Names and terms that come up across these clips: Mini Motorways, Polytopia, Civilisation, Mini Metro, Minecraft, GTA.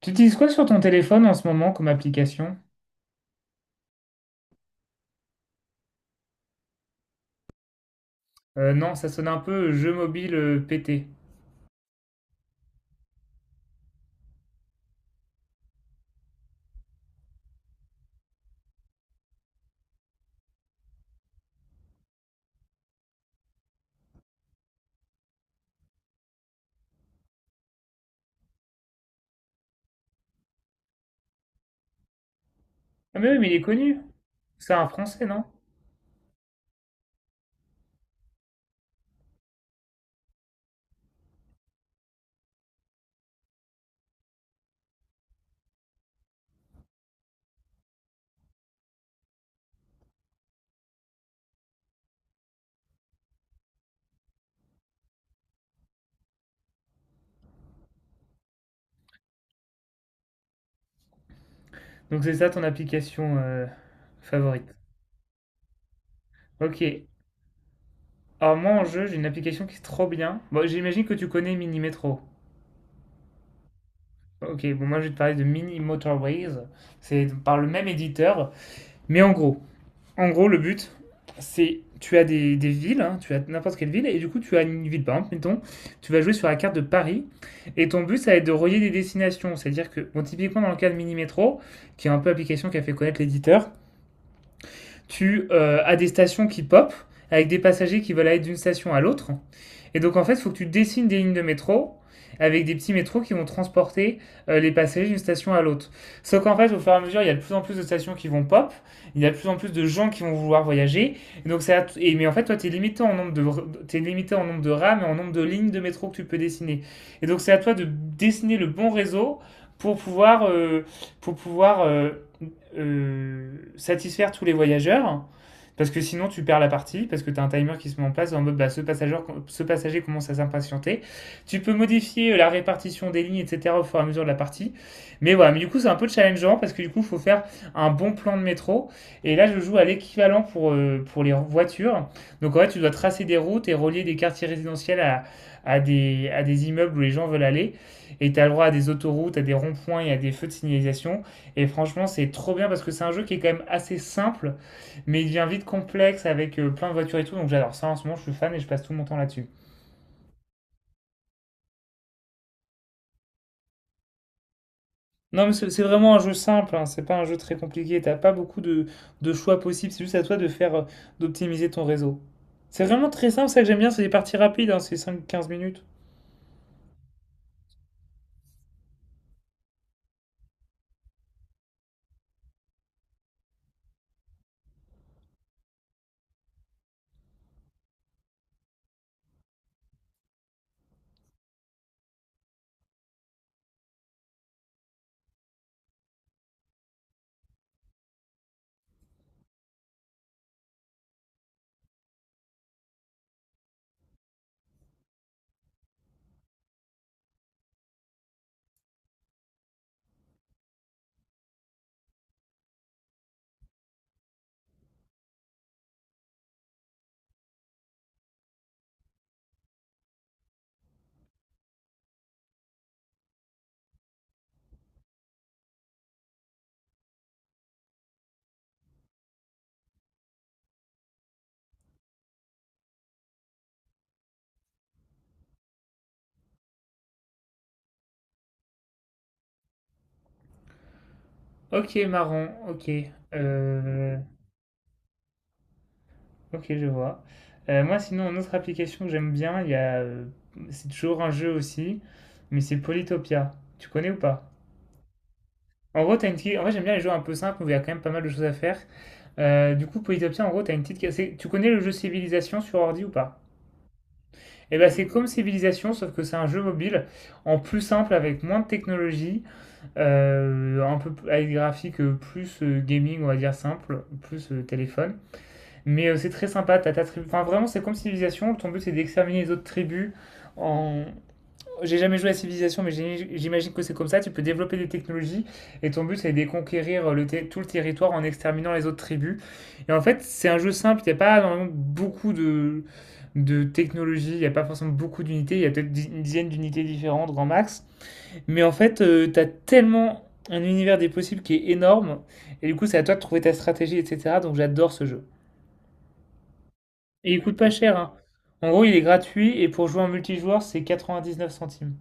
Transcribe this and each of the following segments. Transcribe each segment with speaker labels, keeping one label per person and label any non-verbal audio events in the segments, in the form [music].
Speaker 1: Tu utilises quoi sur ton téléphone en ce moment comme application? Non, ça sonne un peu jeu mobile pété. Ah mais oui, mais il est connu. C'est un français, non? Donc c'est ça ton application favorite. Ok. Alors moi en jeu, j'ai une application qui est trop bien. Bon, j'imagine que tu connais Mini Metro. Ok, bon moi je vais te parler de Mini Motorways. C'est par le même éditeur. Mais en gros, En gros, le but, c'est tu as des villes, hein, tu as n'importe quelle ville, et du coup, tu as une ville, par exemple, mettons, tu vas jouer sur la carte de Paris, et ton but, ça va être de relier des destinations. C'est-à-dire que, bon, typiquement, dans le cas de Mini Metro, qui est un peu l'application qui a fait connaître l'éditeur, tu as des stations qui pop avec des passagers qui veulent aller d'une station à l'autre. Et donc en fait, il faut que tu dessines des lignes de métro avec des petits métros qui vont transporter les passagers d'une station à l'autre. Sauf qu'en fait, au fur et à mesure, il y a de plus en plus de stations qui vont pop, il y a de plus en plus de gens qui vont vouloir voyager. Et donc, mais en fait, toi, tu es, limité en nombre de- t'es limité en nombre de rames et en nombre de lignes de métro que tu peux dessiner. Et donc, c'est à toi de dessiner le bon réseau pour pouvoir satisfaire tous les voyageurs. Parce que sinon, tu perds la partie, parce que tu as un timer qui se met en place en mode bah, ce passager commence à s'impatienter. Tu peux modifier la répartition des lignes, etc. au fur et à mesure de la partie. Mais voilà, mais du coup, c'est un peu challengeant parce que du coup, il faut faire un bon plan de métro. Et là, je joue à l'équivalent pour les voitures. Donc en fait, tu dois tracer des routes et relier des quartiers résidentiels à des immeubles où les gens veulent aller. Et tu as le droit à des autoroutes, à des ronds-points et à des feux de signalisation. Et franchement, c'est trop bien parce que c'est un jeu qui est quand même assez simple, mais il devient vite complexe avec plein de voitures et tout. Donc j'adore ça en ce moment, je suis fan et je passe tout mon temps là-dessus. Non, mais c'est vraiment un jeu simple, hein, c'est pas un jeu très compliqué. T'as pas beaucoup de choix possibles, c'est juste à toi de faire d'optimiser ton réseau. C'est vraiment très simple, ça que j'aime bien, c'est des parties rapides, hein, c'est cinq 15 minutes. Ok, marron, ok. Euh, ok, je vois. Moi, sinon, une autre application que j'aime bien, c'est toujours un jeu aussi, mais c'est Polytopia. Tu connais ou pas? En gros, En vrai, j'aime bien les jeux un peu simples où il y a quand même pas mal de choses à faire. Du coup, petit en gros, t'as une petite. C'est- Tu connais le jeu Civilisation sur ordi ou pas? Eh ben, c'est comme Civilisation, sauf que c'est un jeu mobile en plus simple avec moins de technologie, avec des graphiques plus gaming, on va dire simple, plus téléphone. Mais c'est très sympa. T'as ta tribu. Enfin, vraiment, c'est comme Civilisation. Ton but, c'est d'exterminer les autres tribus en, j'ai jamais joué à Civilization, mais j'imagine que c'est comme ça. Tu peux développer des technologies et ton but, c'est de conquérir tout le territoire en exterminant les autres tribus. Et en fait, c'est un jeu simple. Il n'y a pas vraiment beaucoup de technologies. Il n'y a pas forcément beaucoup d'unités. Il y a peut-être une dizaine d'unités différentes, grand max. Mais en fait, tu as tellement un univers des possibles qui est énorme. Et du coup, c'est à toi de trouver ta stratégie, etc. Donc, j'adore ce jeu. Et il coûte pas cher, hein. En gros, il est gratuit et pour jouer en multijoueur, c'est 99 centimes.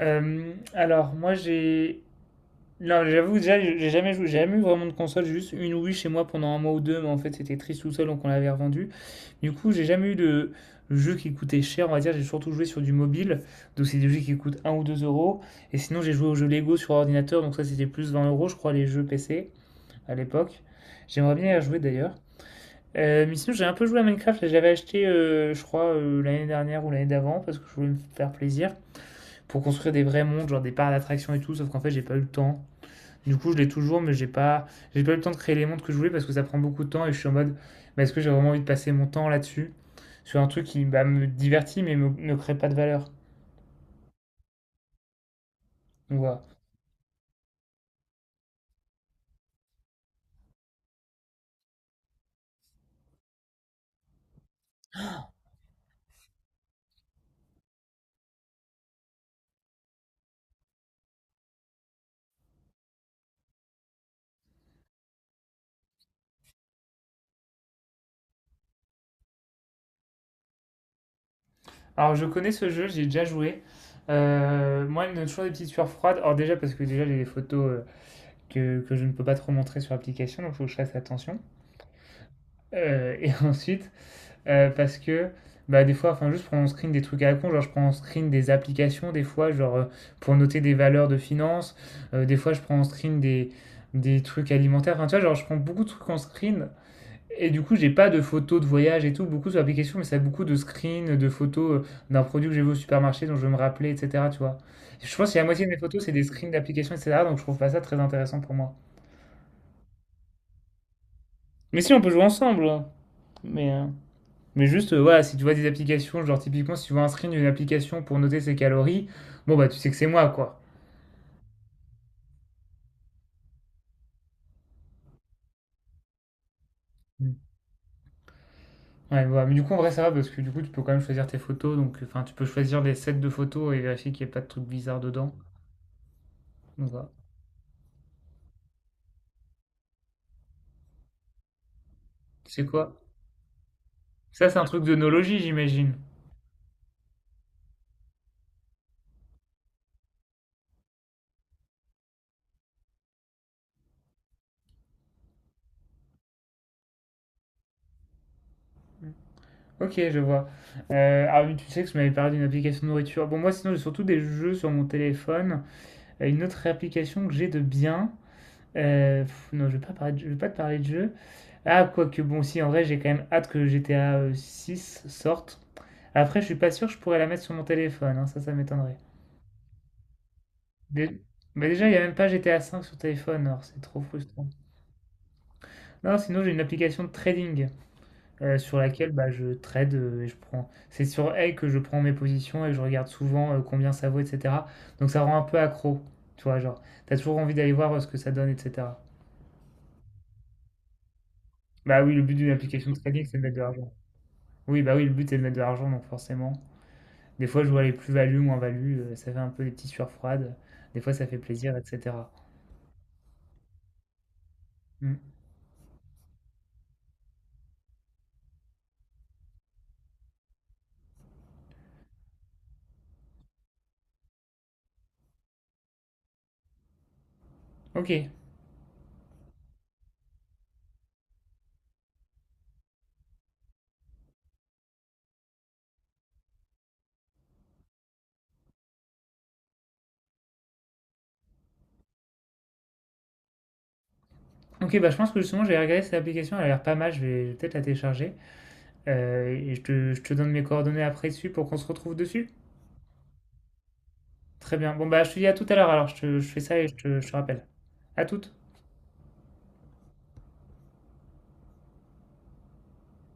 Speaker 1: Alors, moi, j'ai. Non, j'avoue, déjà, j'ai jamais joué, j'ai jamais eu vraiment de console, j'ai juste une Wii chez moi pendant un mois ou deux, mais en fait, c'était triste tout seul, donc on l'avait revendu. Du coup, j'ai jamais eu de jeu qui coûtait cher, on va dire, j'ai surtout joué sur du mobile, donc c'est des jeux qui coûtent 1 ou 2 euros. Et sinon, j'ai joué aux jeux Lego sur ordinateur, donc ça, c'était plus 20 euros, je crois, les jeux PC à l'époque. J'aimerais bien y rejouer d'ailleurs. Mais sinon, j'ai un peu joué à Minecraft, et j'avais acheté, je crois, l'année dernière ou l'année d'avant, parce que je voulais me faire plaisir pour construire des vrais montres, genre des parcs d'attractions et tout, sauf qu'en fait j'ai pas eu le temps. Du coup je l'ai toujours mais j'ai pas eu le temps de créer les montres que je voulais parce que ça prend beaucoup de temps et je suis en mode bah, est-ce que j'ai vraiment envie de passer mon temps là-dessus sur un truc qui bah, me divertit mais ne crée pas de valeur. Donc voilà. Alors je connais ce jeu, j'ai déjà joué. Moi, il me donne toujours des petites sueurs froides. Alors déjà parce que déjà j'ai des photos que je ne peux pas trop montrer sur l'application, donc il faut que je fasse attention. Et [laughs] ensuite, parce que bah, des fois, enfin, juste prendre en screen des trucs à la con, genre je prends en screen des applications, des fois, genre pour noter des valeurs de finance, des fois je prends en screen des trucs alimentaires, enfin, tu vois, genre je prends beaucoup de trucs en screen, et du coup, j'ai pas de photos de voyage et tout, beaucoup sur l'application, mais ça a beaucoup de screens, de photos d'un produit que j'ai vu au supermarché, dont je veux me rappeler, etc., tu vois. Je pense que si la moitié de mes photos, c'est des screens d'applications, etc., donc je trouve pas ça très intéressant pour moi. Mais si, on peut jouer ensemble, hein. mais... euh, Mais juste, voilà, si tu vois des applications, genre typiquement, si tu vois un screen d'une application pour noter ses calories, bon, bah, tu sais que c'est moi, quoi. Mm. Ouais, voilà. Mais du coup, en vrai, ça va parce que du coup, tu peux quand même choisir tes photos. Donc, enfin, tu peux choisir les sets de photos et vérifier qu'il n'y a pas de trucs bizarres dedans. Donc, voilà. C'est quoi? Ça, c'est un truc de nologie, j'imagine. Ok, je vois. Ah oui, tu sais que je m'avais parlé d'une application de nourriture. Bon, moi, sinon, j'ai surtout des jeux sur mon téléphone. Une autre application que j'ai de bien, Heu, non, je vais pas te parler de jeu. Ah, quoique bon, si, en vrai, j'ai quand même hâte que GTA, 6 sorte. Après, je suis pas sûr que je pourrais la mettre sur mon téléphone, hein, ça m'étonnerait. Dé Mais déjà, il y a même pas GTA cinq sur téléphone, alors c'est trop frustrant. Non, sinon, j'ai une application de trading, sur laquelle, bah, je trade, et je prends c'est sur elle que je prends mes positions et que je regarde souvent, combien ça vaut et cetera. Donc ça rend un peu accro, tu vois? Genre, t'as toujours envie d'aller voir, ce que ça donne et cetera. Bah oui, le but d'une application de trading, c'est de mettre de l'argent. Oui, bah oui, le but c'est de mettre de l'argent, donc forcément. Des fois, je vois les plus-values, moins-values, ça fait un peu des petites sueurs froides. Des fois, ça fait plaisir, etc. Mm. Ok. Ok, bah je pense que justement, j'ai regardé cette application, elle a l'air pas mal, je vais peut-être la télécharger. Et je te donne mes coordonnées après dessus pour qu'on se retrouve dessus. Très bien. Bon, bah je te dis à tout à l'heure alors, je fais ça et je te rappelle. À toute.